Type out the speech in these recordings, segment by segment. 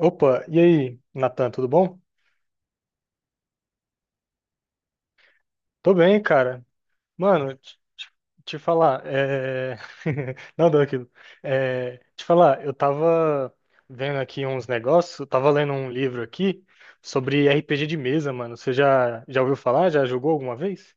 Opa, e aí, Natan, tudo bom? Tô bem, cara. Mano, te falar, Não, deu aquilo. Te falar, eu tava vendo aqui uns negócios, eu tava lendo um livro aqui sobre RPG de mesa, mano. Você já ouviu falar? Já jogou alguma vez?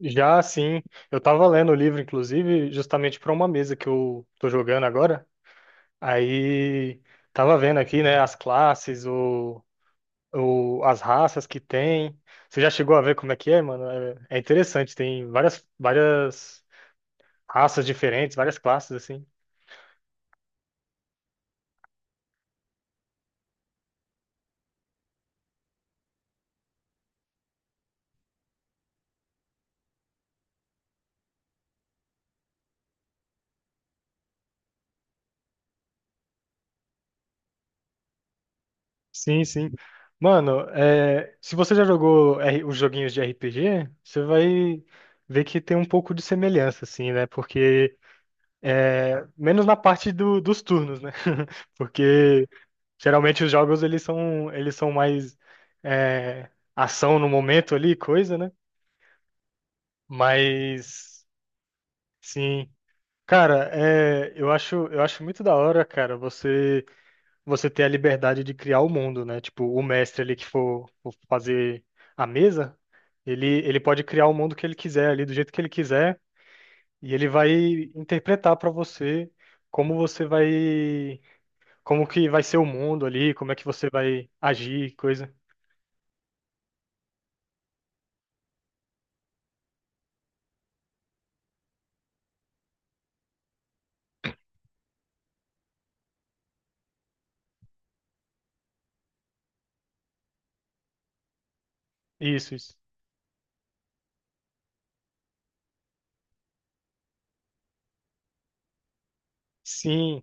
Já, sim. Eu tava lendo o livro, inclusive, justamente pra uma mesa que eu tô jogando agora. Aí, tava vendo aqui, né, as classes, as raças que tem. Você já chegou a ver como é que é, mano? É interessante, tem várias raças diferentes, várias classes, assim. Sim, sim. Mano, é, se você já jogou os joguinhos de RPG, você vai ver que tem um pouco de semelhança, assim, né? Porque, menos na parte dos turnos, né? Porque geralmente os jogos eles são mais é, ação no momento ali, coisa, né? Mas, sim. Cara, é, eu acho muito da hora, cara, você ter a liberdade de criar o mundo, né? Tipo, o mestre ali que for fazer a mesa, ele pode criar o mundo que ele quiser ali, do jeito que ele quiser, e ele vai interpretar pra você como você vai, como que vai ser o mundo ali, como é que você vai agir, coisa. Isso, isso. Sim.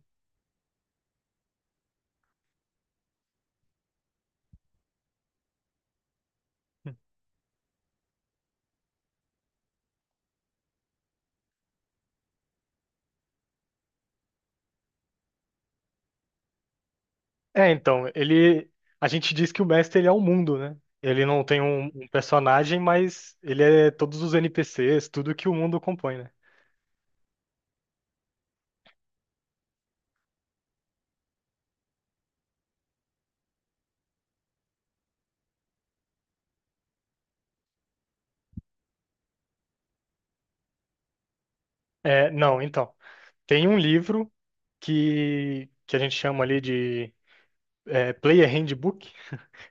É, então, ele. A gente diz que o mestre ele é o mundo, né? Ele não tem um personagem, mas ele é todos os NPCs, tudo que o mundo compõe, né? É, não, então. Tem um livro que a gente chama ali de Player Handbook,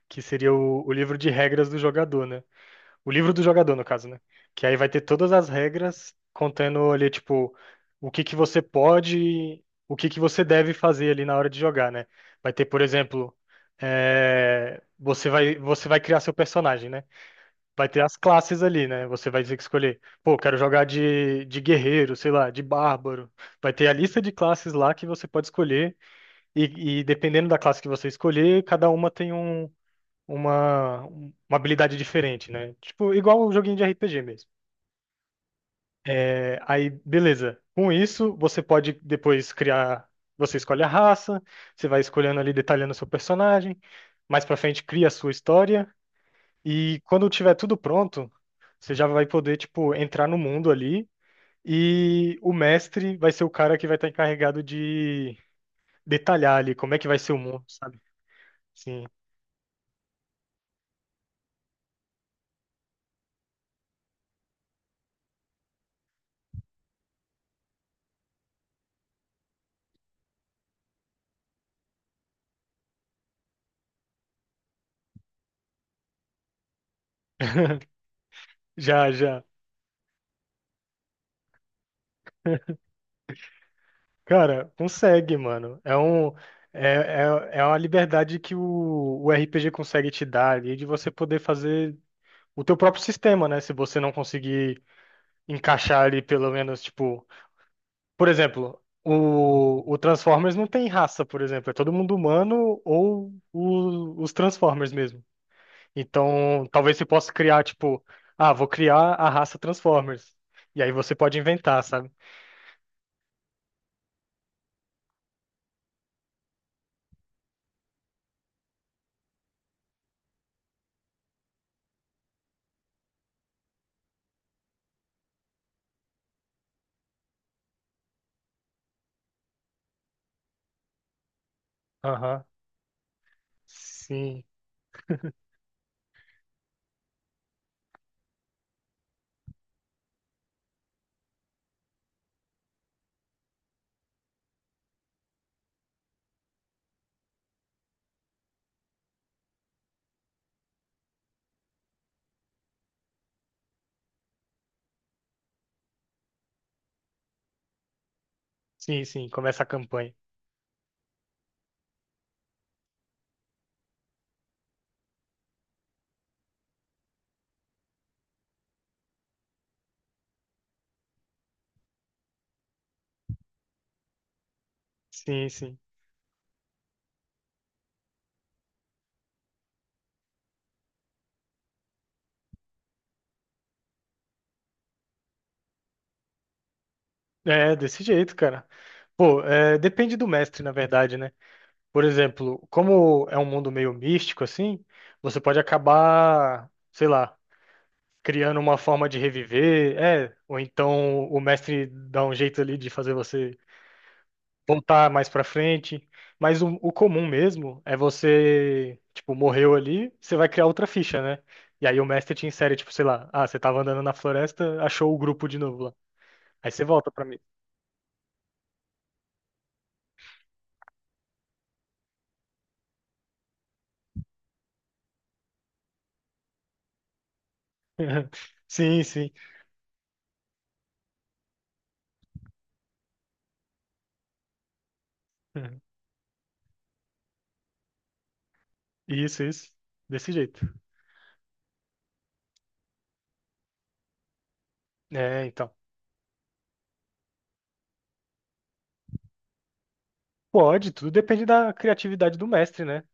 que seria o livro de regras do jogador, né? O livro do jogador, no caso, né? Que aí vai ter todas as regras contando ali, tipo, o que que você pode, o que que você deve fazer ali na hora de jogar, né? Vai ter, por exemplo, você vai criar seu personagem, né? Vai ter as classes ali, né? Você vai ter que escolher, pô, quero jogar de guerreiro, sei lá, de bárbaro. Vai ter a lista de classes lá que você pode escolher, e, dependendo da classe que você escolher, cada uma tem uma habilidade diferente, né? Tipo, igual um joguinho de RPG mesmo. É, aí, beleza. Com isso, você pode depois criar. Você escolhe a raça, você vai escolhendo ali, detalhando seu personagem. Mais pra frente, cria a sua história. E quando tiver tudo pronto, você já vai poder, tipo, entrar no mundo ali. E o mestre vai ser o cara que vai estar encarregado de detalhar ali como é que vai ser o mundo, sabe? Sim. Já, já. Cara, consegue, mano. É, é uma liberdade que o RPG consegue te dar ali de você poder fazer o teu próprio sistema, né? Se você não conseguir encaixar ali pelo menos, tipo, por exemplo, o Transformers não tem raça, por exemplo, é todo mundo humano ou os Transformers mesmo. Então, talvez você possa criar, tipo, ah, vou criar a raça Transformers. E aí você pode inventar, sabe? Aham. Sim, sim, sim, começa a campanha. Sim, sim. É desse jeito, cara. Pô, é, depende do mestre, na verdade, né? Por exemplo, como é um mundo meio místico, assim, você pode acabar, sei lá, criando uma forma de reviver, é, ou então o mestre dá um jeito ali de fazer você voltar mais pra frente. Mas o comum mesmo é você, tipo, morreu ali, você vai criar outra ficha, né? E aí o mestre te insere, tipo, sei lá, ah, você tava andando na floresta, achou o grupo de novo lá. Aí você volta pra Sim, sim. Isso, isso. Desse jeito. É, então. Pode, tudo depende da criatividade do mestre, né?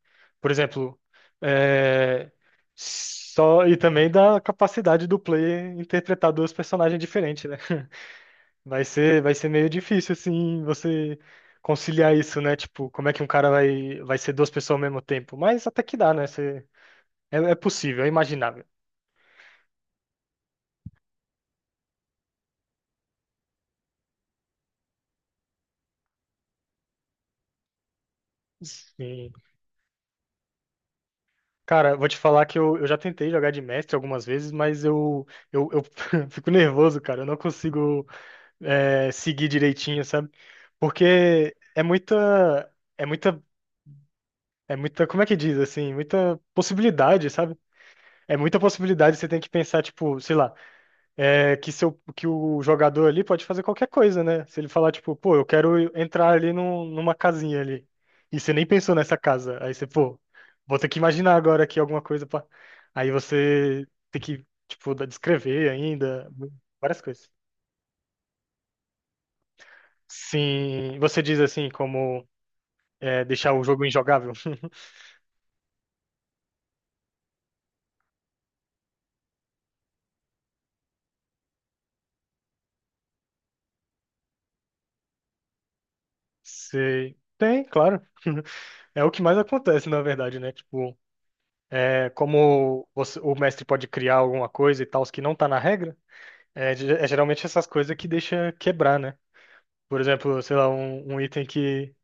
Por exemplo, é, só e também da capacidade do player interpretar dois personagens diferentes, né? Vai ser meio difícil assim você conciliar isso, né? Tipo, como é que um cara vai ser duas pessoas ao mesmo tempo? Mas até que dá, né? É possível, é imaginável. Sim. Cara, vou te falar que eu já tentei jogar de mestre algumas vezes, mas eu fico nervoso, cara. Eu não consigo seguir direitinho, sabe? Porque como é que diz assim? Muita possibilidade, sabe? É muita possibilidade. Você tem que pensar, tipo, sei lá que o jogador ali pode fazer qualquer coisa, né? Se ele falar, tipo, pô, eu quero entrar ali numa casinha ali. E você nem pensou nessa casa. Aí você, pô, vou ter que imaginar agora aqui alguma coisa pra... Aí você tem que, tipo, descrever ainda, várias coisas. Sim, você diz assim, como é, deixar o jogo injogável? Sei. Tem, claro. É o que mais acontece, na verdade, né? Tipo, é, o mestre pode criar alguma coisa e tal, que não tá na regra. É, é geralmente essas coisas que deixa quebrar, né? Por exemplo, sei lá, um item que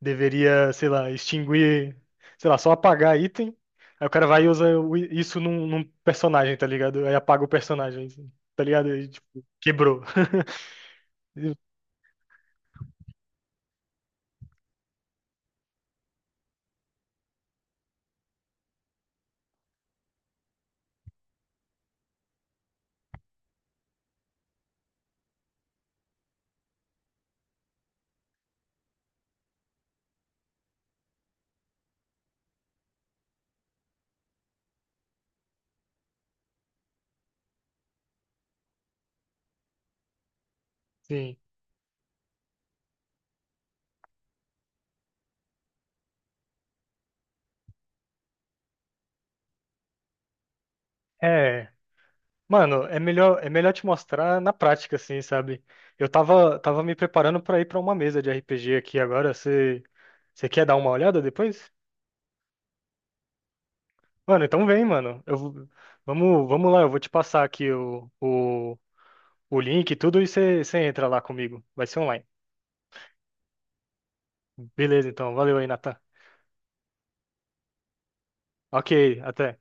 deveria, sei lá, extinguir, sei lá, só apagar item. Aí o cara vai e usa isso num personagem, tá ligado? Aí apaga o personagem, assim, tá ligado? E, tipo, quebrou. E, Sim. É. Mano, é melhor te mostrar na prática, assim, sabe? Eu tava me preparando pra ir pra uma mesa de RPG aqui agora. Você quer dar uma olhada depois? Mano, então vem, mano. Vamos lá, eu vou te passar aqui o link e tudo e você entra lá comigo. Vai ser online. Beleza, então. Valeu aí, Natan. Ok, até.